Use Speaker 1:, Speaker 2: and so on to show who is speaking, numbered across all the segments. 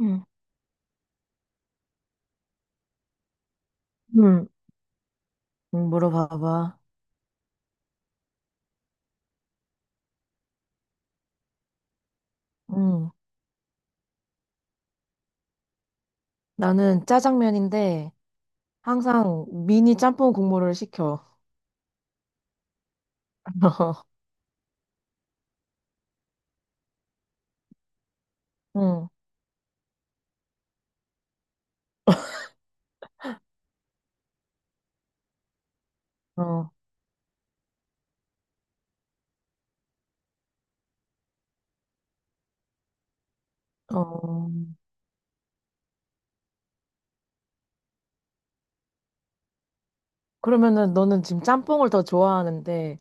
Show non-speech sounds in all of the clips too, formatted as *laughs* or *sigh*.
Speaker 1: 응, 응, 응, 물어봐봐. 응. 나는 짜장면인데 항상 미니 짬뽕 국물을 시켜. *laughs* 응, 어, 어. 그러면은 너는 지금 짬뽕을 더 좋아하는데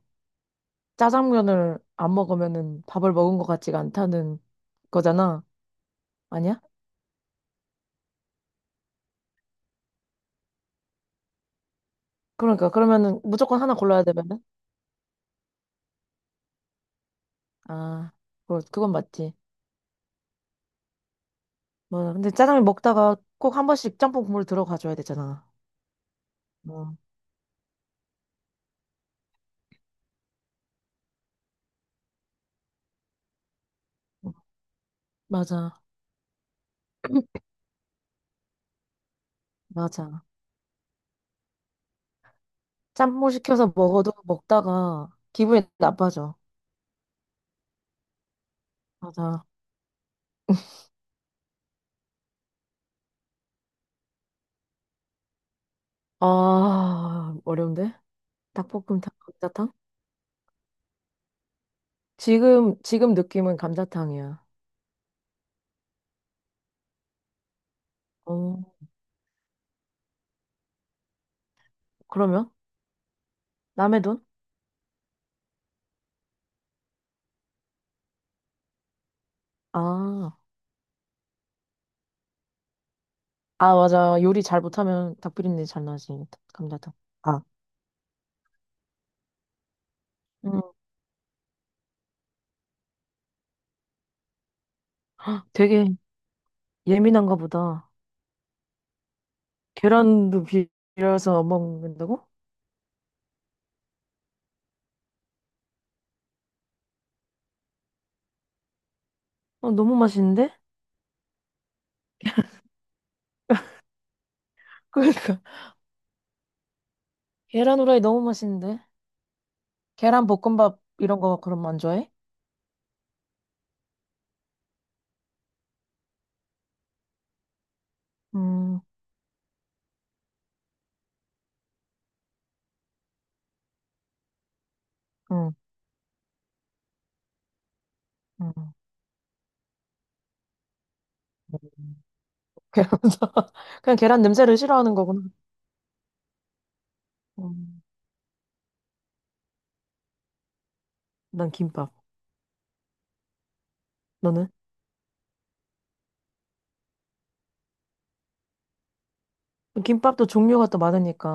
Speaker 1: 짜장면을 안 먹으면은 밥을 먹은 것 같지가 않다는 거잖아. 아니야? 그러니까 그러면은 무조건 하나 골라야 되면은 아, 그 그건 맞지. 뭐 근데 짜장면 먹다가 꼭 한 번씩 짬뽕 국물 들어가줘야 되잖아. 어, 어. 맞아, 맞아. 짬뽕 시켜서 먹어도 먹다가 기분이 나빠져. 맞아. 아, 어려운데? 닭볶음탕, 감자탕? 지금, 지금 느낌은 감자탕이야. 어, 그러면? 남의 돈? 아, 아, 맞아. 요리 잘 못하면 닭비린내 잘 나지. 감자탕. 아, 음, 되게 예민한가 보다. 계란도 비려서 먹는다고? 어, 너무 맛있는데? 그러니까. *laughs* 계란 후라이 너무 맛있는데? 계란 볶음밥 이런 거 그럼 안 좋아해? 음, 음, 음. 계란 *laughs* 그냥 계란 냄새를 싫어하는 거구나. 음, 난 김밥. 너는? 김밥도 종류가 또 많으니까.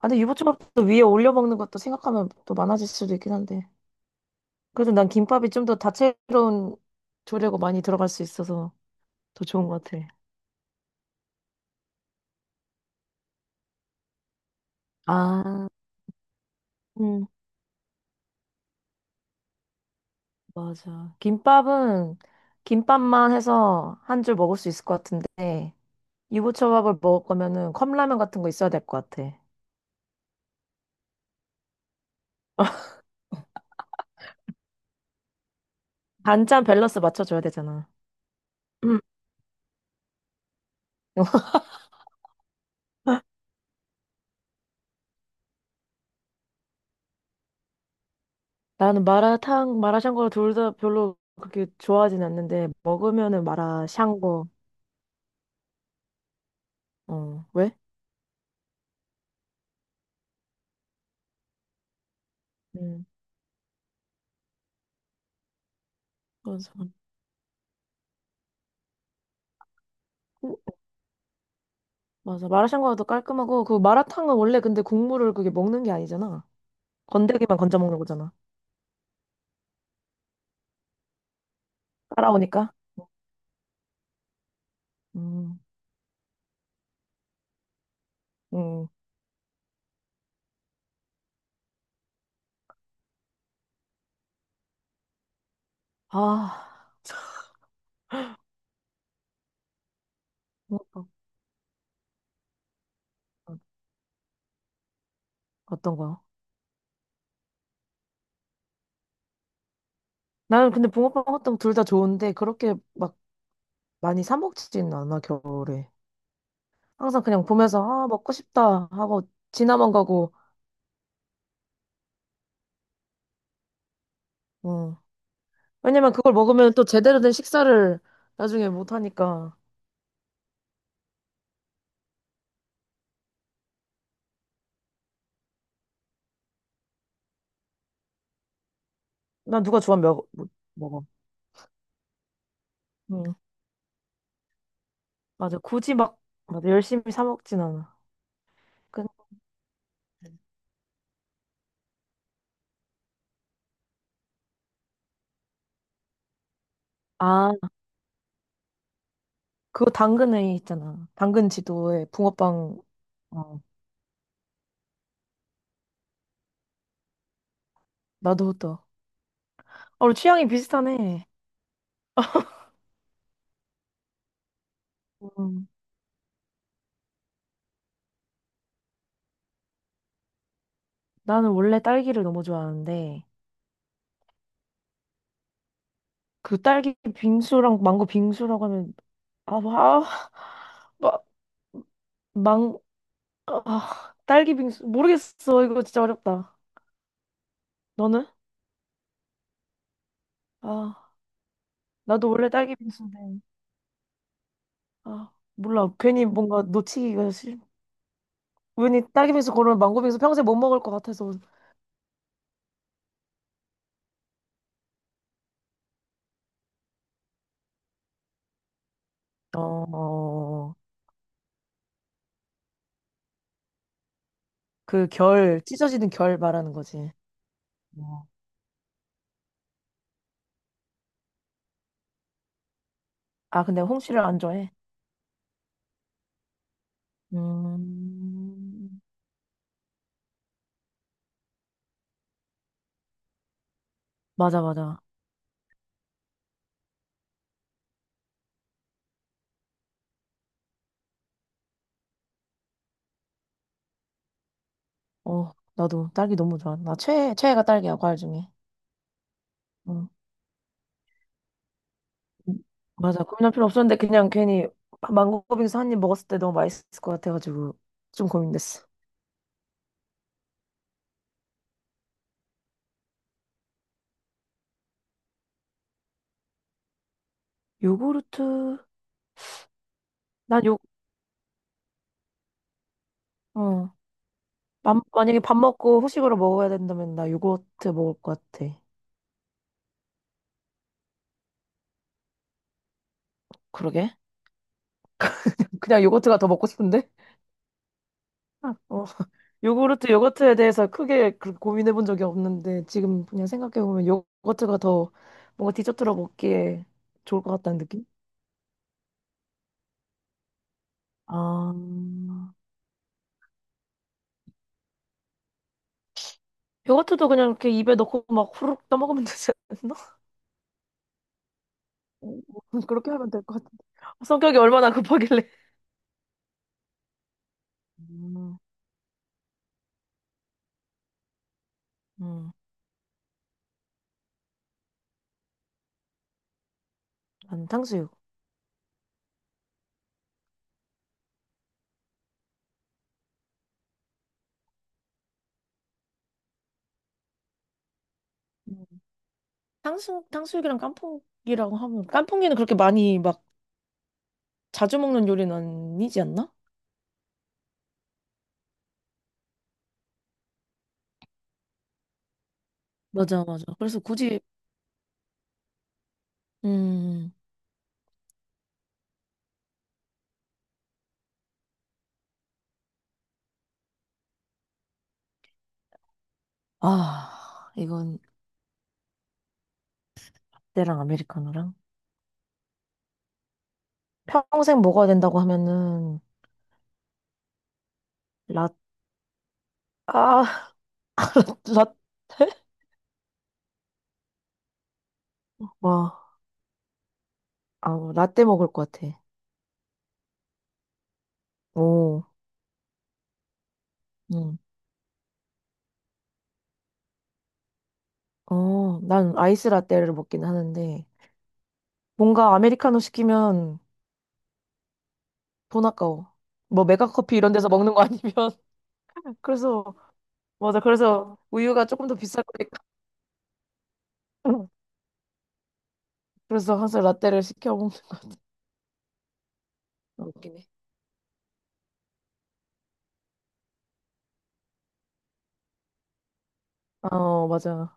Speaker 1: 아, 근데 유부초밥도 위에 올려 먹는 것도 생각하면 또 많아질 수도 있긴 한데. 그래도 난 김밥이 좀 더 다채로운 조리고 많이 들어갈 수 있어서 더 좋은 것 같아. 아, 음, 맞아. 김밥은 김밥만 해서 한 줄 먹을 수 있을 것 같은데 유부초밥을 먹을 거면은 컵라면 같은 거 있어야 될 것 같아. 반찬 밸런스 맞춰줘야 되잖아. *clears throat* *laughs* 나는 마라탕, 마라샹궈 둘 다 별로 그렇게 좋아하진 않는데 먹으면은 마라샹궈. 어, 왜? 음. 맞아. 음, 맞아. 마라샹궈가 더 깔끔하고 그 마라탕은 원래 근데 국물을 그게 먹는 게 아니잖아. 건더기만 건져 먹는 거잖아. 따라오니까. 음. 음. 아, 붕어빵 어떤 거? 나는 근데 붕어빵 호떡 둘 다 좋은데 그렇게 막 많이 사 먹지는 않아 겨울에. 항상 그냥 보면서 아 먹고 싶다 하고 지나만 가고. 어. 왜냐면 그걸 먹으면 또 제대로 된 식사를 나중에 못 하니까. 난 누가 좋아하면 먹, 못 먹어. 응. 맞아. 굳이 막, 맞아. 열심히 사 먹진 않아. 그, 아, 그거 당근에 있잖아. 당근 지도에 붕어빵. 어. 나도 또. 어, 우리 취향이 비슷하네. 음. 나는 원래 딸기를 너무 좋아하는데, 그 딸기 빙수랑 망고 빙수라고 하면, 아, 아, 막, 망, 아, 딸기 빙수. 모르겠어. 이거 진짜 어렵다. 너는? 아. 나도 원래 딸기 빙수인데 아 몰라 괜히 뭔가 놓치기가 싫 괜히 딸기 빙수 고르면 망고 빙수 평생 못 먹을 것 같아서 어, 어, 그 결, 찢어지는 결 말하는 거지. 어. 아 근데 홍시를 안 좋아해 음, 맞아 맞아 어 나도 딸기 너무 좋아 나 최애 최애가 딸기야 과일 중에 응 맞아 고민할 필요 없었는데 그냥 괜히 망고 빙수 한 입 먹었을 때 너무 맛있을 것 같아가지고 좀 고민됐어 요구르트 난요 맘- 만약에 밥 먹고 후식으로 먹어야 된다면 나 요거트 먹을 것 같아. 그러게. *laughs* 그냥 요거트가 더 먹고 싶은데? 아, 어, 요구르트, 요거트에 대해서 크게 그렇게 고민해 본 적이 없는데, 지금 그냥 생각해 보면 요거트가 더 뭔가 디저트로 먹기에 좋을 것 같다는 느낌? 아, 요거트도 그냥 이렇게 입에 넣고 막 후루룩 떠먹으면 되지 않나? 어, 어, 그렇게 하면 될 것 같은데. 성격이 얼마나 급하길래. 음, 음, 난 탕수육. 탕수육, 탕수육이랑 깐풍기랑 하면 깐풍기는 그렇게 많이 막 자주 먹는 요리는 아니지 않나? 맞아, 맞아. 그래서 굳이, 음, 아, 이건 때랑 아메리카노랑. 평생 먹어야 된다고 하면은 라, 아, *laughs* 라, 와, 아, 라떼 먹을 것 같아. 오, 음, 어, 난 아이스 라떼를 먹긴 하는데 뭔가 아메리카노 시키면 돈 아까워. 뭐 메가커피 이런 데서 먹는 거 아니면 *laughs* 그래서 맞아. 그래서 우유가 조금 더 비쌀 거니까. *laughs* 그래서 항상 라떼를 시켜 먹는 거야. 웃기네. 어, 맞아.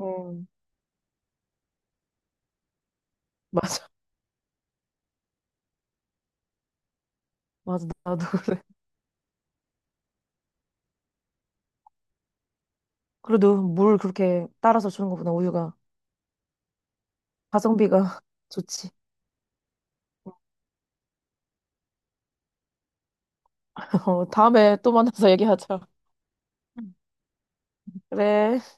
Speaker 1: 음. 맞아. 맞아. 나도 그래. 그래도 물 그렇게 따라서 주는 것보다 우유가 가성비가 *laughs* 좋지. *laughs* 어, 다음에 또 만나서 얘기하자. 그래.